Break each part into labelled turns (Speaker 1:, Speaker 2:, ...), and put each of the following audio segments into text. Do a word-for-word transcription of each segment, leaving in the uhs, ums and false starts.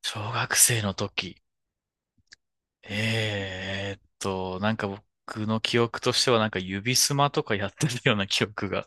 Speaker 1: 小学生の時。えーっと、なんか僕の記憶としてはなんか指スマとかやってるような記憶が。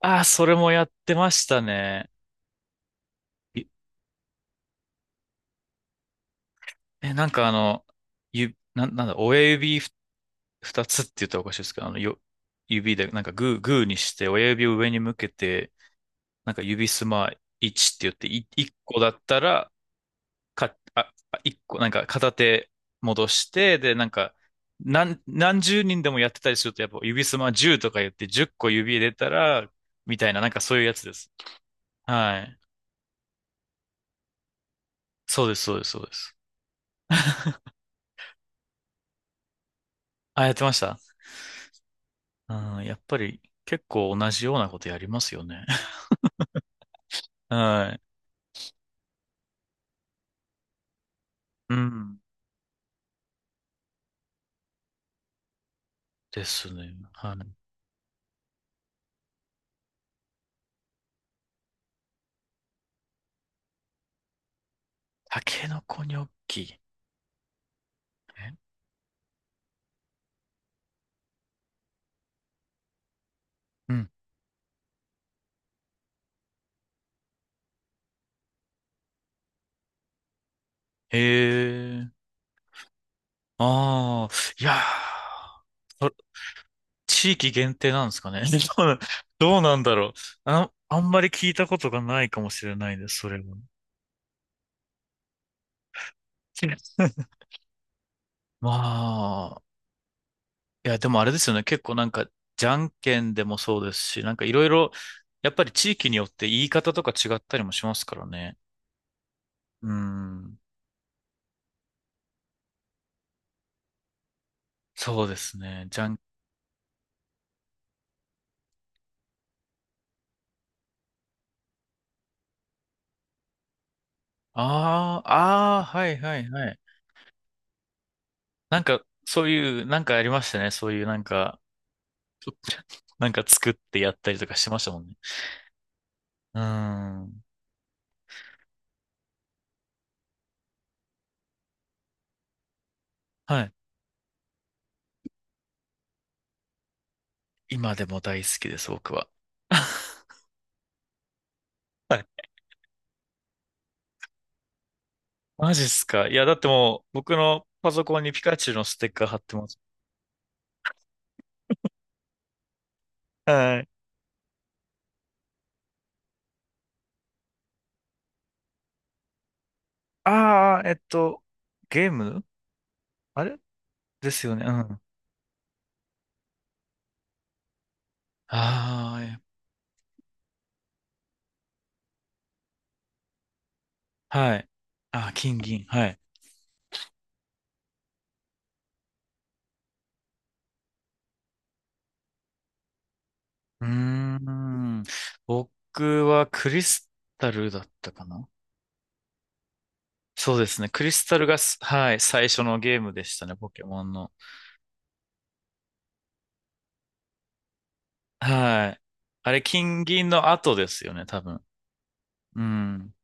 Speaker 1: ああ、それもやってましたね。いえ、なんかあの、ゆ、な、なんだ、親指ふ二つって言ったらおかしいですけど、あの、よ、指で、なんかグー、グーにして、親指を上に向けて、なんか指スマいちって言って、い、いっこだったら、か、あ、あ一個、なんか片手戻して、で、なんか、何、何十人でもやってたりすると、やっぱ指すまじゅうとか言ってじゅっこ指入れたら、みたいな、なんかそういうやつです。はい。そうです、そうです、そうです。あ、やってました。うん、やっぱり結構同じようなことやりますよね。はい。うん。ですね。はい。タケノコニョッキ。えうん。へえ。ああ、いやー、そ地域限定なんですかね。どうな、どうなんだろう。あ、あんまり聞いたことがないかもしれないです、それも。まあ、いや、でもあれですよね。結構なんか、じゃんけんでもそうですし、なんかいろいろ、やっぱり地域によって言い方とか違ったりもしますからね。うん。そうですね。じゃん、ああ、ああ、はいはいはい。なんか、そういう、なんかありましたね。そういうなんか、なんか作ってやったりとかしてましたもんね。うん。はい。今でも大好きです、僕は。はい。マジっすか。いや、だってもう、僕のパソコンにピカチュウのステッカー貼ってます。はい。ああ、えっと、ゲームあれですよね。うん。ああ、はい。あー、金銀。はい。うーん。僕はクリスタルだったかな。そうですね。クリスタルがす、はい、最初のゲームでしたね、ポケモンの。はい。あれ、金銀の後ですよね、多分。うん。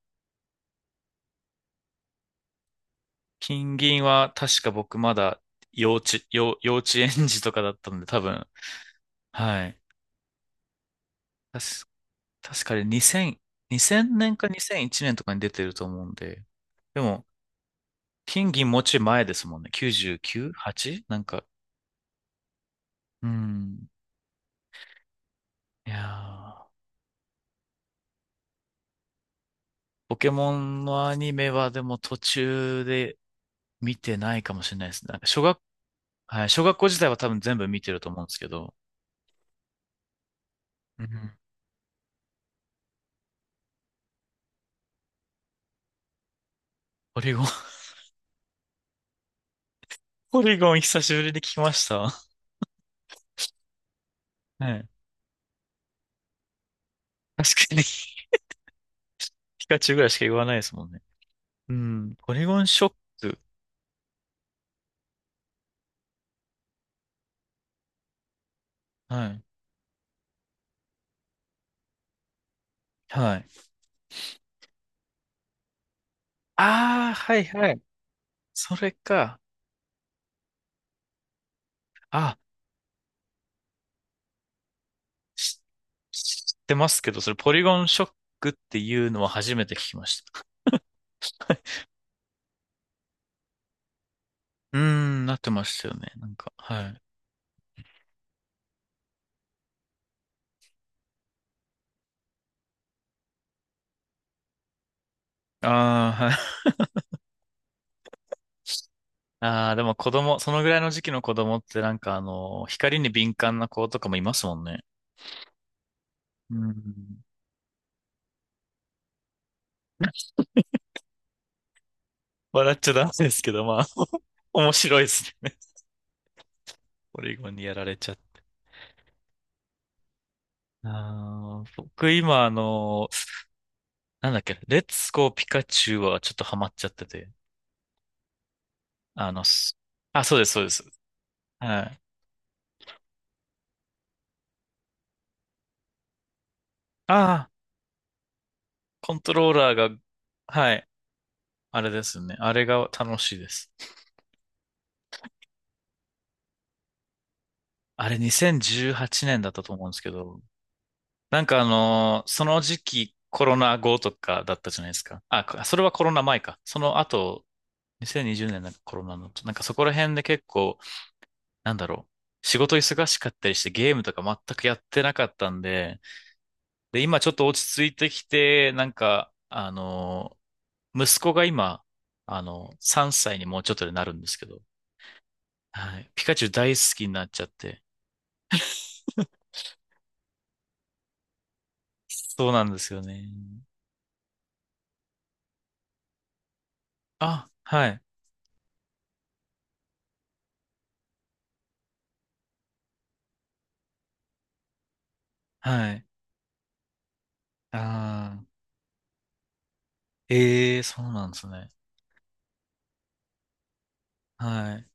Speaker 1: 金銀は確か僕まだ幼稚、幼、幼稚園児とかだったので多分、はい。確確かににせん、年かにせんいちねんとかに出てると思うんで、でも、金銀もうちょい前ですもんね。きゅうじゅうきゅう?はち? なんか、うん。いやー、ポケモンのアニメはでも途中で見てないかもしれないですね。なんか小学、はい、小学校時代は多分全部見てると思うんですけど、うん。ポリゴン、ポリゴン久しぶりに聞きました。はい。確かにピカチュウぐらいしか言わないですもんね。うん。ポリゴンショック。はい。はい。ああ、はいはい。それか。あ、し知ってますけど、それポリゴンショックっていうのは初めて聞きました。うーん、なってましたよね。なんか、はい。ああ、はい。ああ、でも子供、そのぐらいの時期の子供ってなんかあの、光に敏感な子とかもいますもんね。うん。笑っちゃダメですけど、まあ、面白いですね。ポリゴンにやられちゃった。あー僕今あの、なんだっけ、レッツゴーピカチュウはちょっとハマっちゃってて。あの、すあ、そうです、そうです。はい。ああ、コントローラーが、はい、あれですね。あれが楽しいです。あれにせんじゅうはちねんだったと思うんですけど、なんかあのーその時期コロナ後とかだったじゃないですか。あ、こそれはコロナ前か。その後、にせんにじゅうねんなんかコロナの、なんかそこら辺で結構、なんだろう。仕事忙しかったりしてゲームとか全くやってなかったんで、で、今ちょっと落ち着いてきて、なんか、あの、息子が今、あの、さんさいにもうちょっとでなるんですけど、はい。ピカチュウ大好きになっちゃって。そうなんですよね。あ、はい、はい。ああ、ええそうなんですね。はい。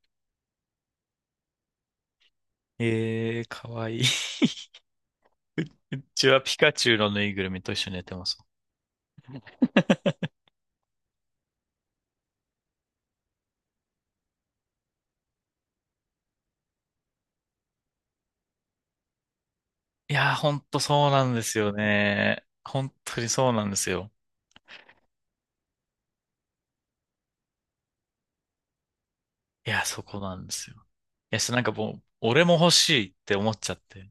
Speaker 1: ええかわいい。うちはピカチュウのぬいぐるみと一緒に寝てます。いやー、ほんとそうなんですよね。本当にそうなんですよ。いや、そこなんですよ。いや、そうなんかもう、俺も欲しいって思っちゃって。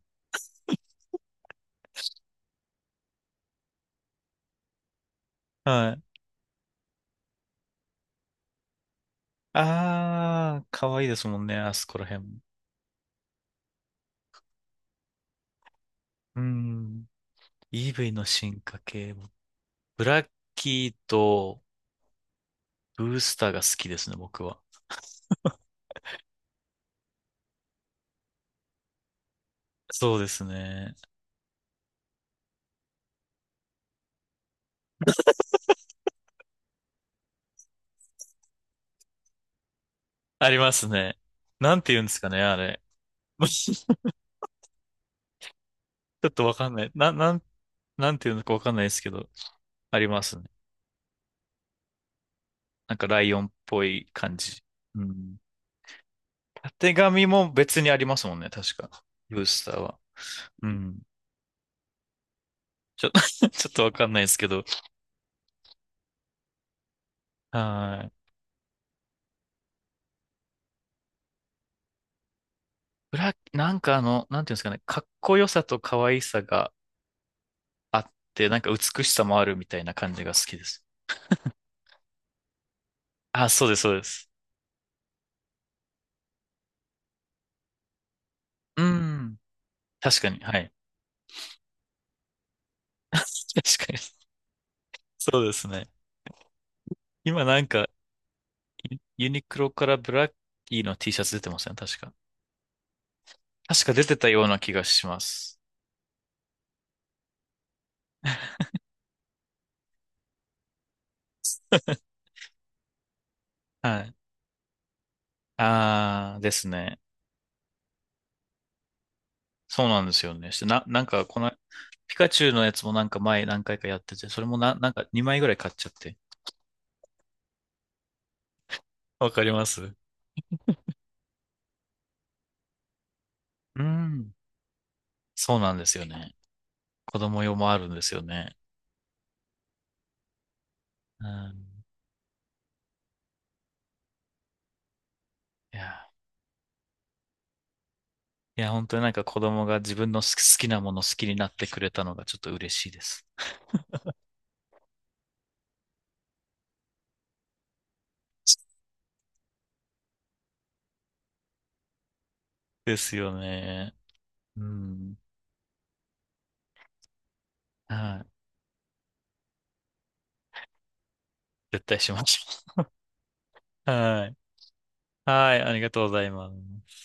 Speaker 1: はい。あー、可愛いですもんね、あそこら辺も。うん。イーブイ の進化系も、ブラッキーとブースターが好きですね、僕は。そうですね。ありますね。なんて言うんですかね、あれ。ちょっとわかんない。な、なん、なんて言うのかわかんないですけど、ありますね。なんかライオンっぽい感じ。うん。たてがみも別にありますもんね、確か。ブースターは。うん。ちょ、ちょっとわかんないですけど。はい。ブラ、なんかあの、なんていうんですかね、かっこよさと可愛さがあって、なんか美しさもあるみたいな感じが好きです。あ、そうです、そうです。うん。確かに、はい。確かに。そうですね。今なんか、ユユニクロからブラッキーの T シャツ出てません、確か。確か出てたような気がします。はい。あーですね。そうなんですよね。して、な、なんか、この、ピカチュウのやつもなんか前何回かやってて、それもな、なんかにまいぐらい買っちゃって。わかります。うん。そうなんですよね。子供用もあるんですよね。うん。いや、いや、本当になんか子供が自分の好き好きなもの好きになってくれたのがちょっと嬉しいです。ですよね。うん。はい。絶対しましょう。はい。はい。ありがとうございます。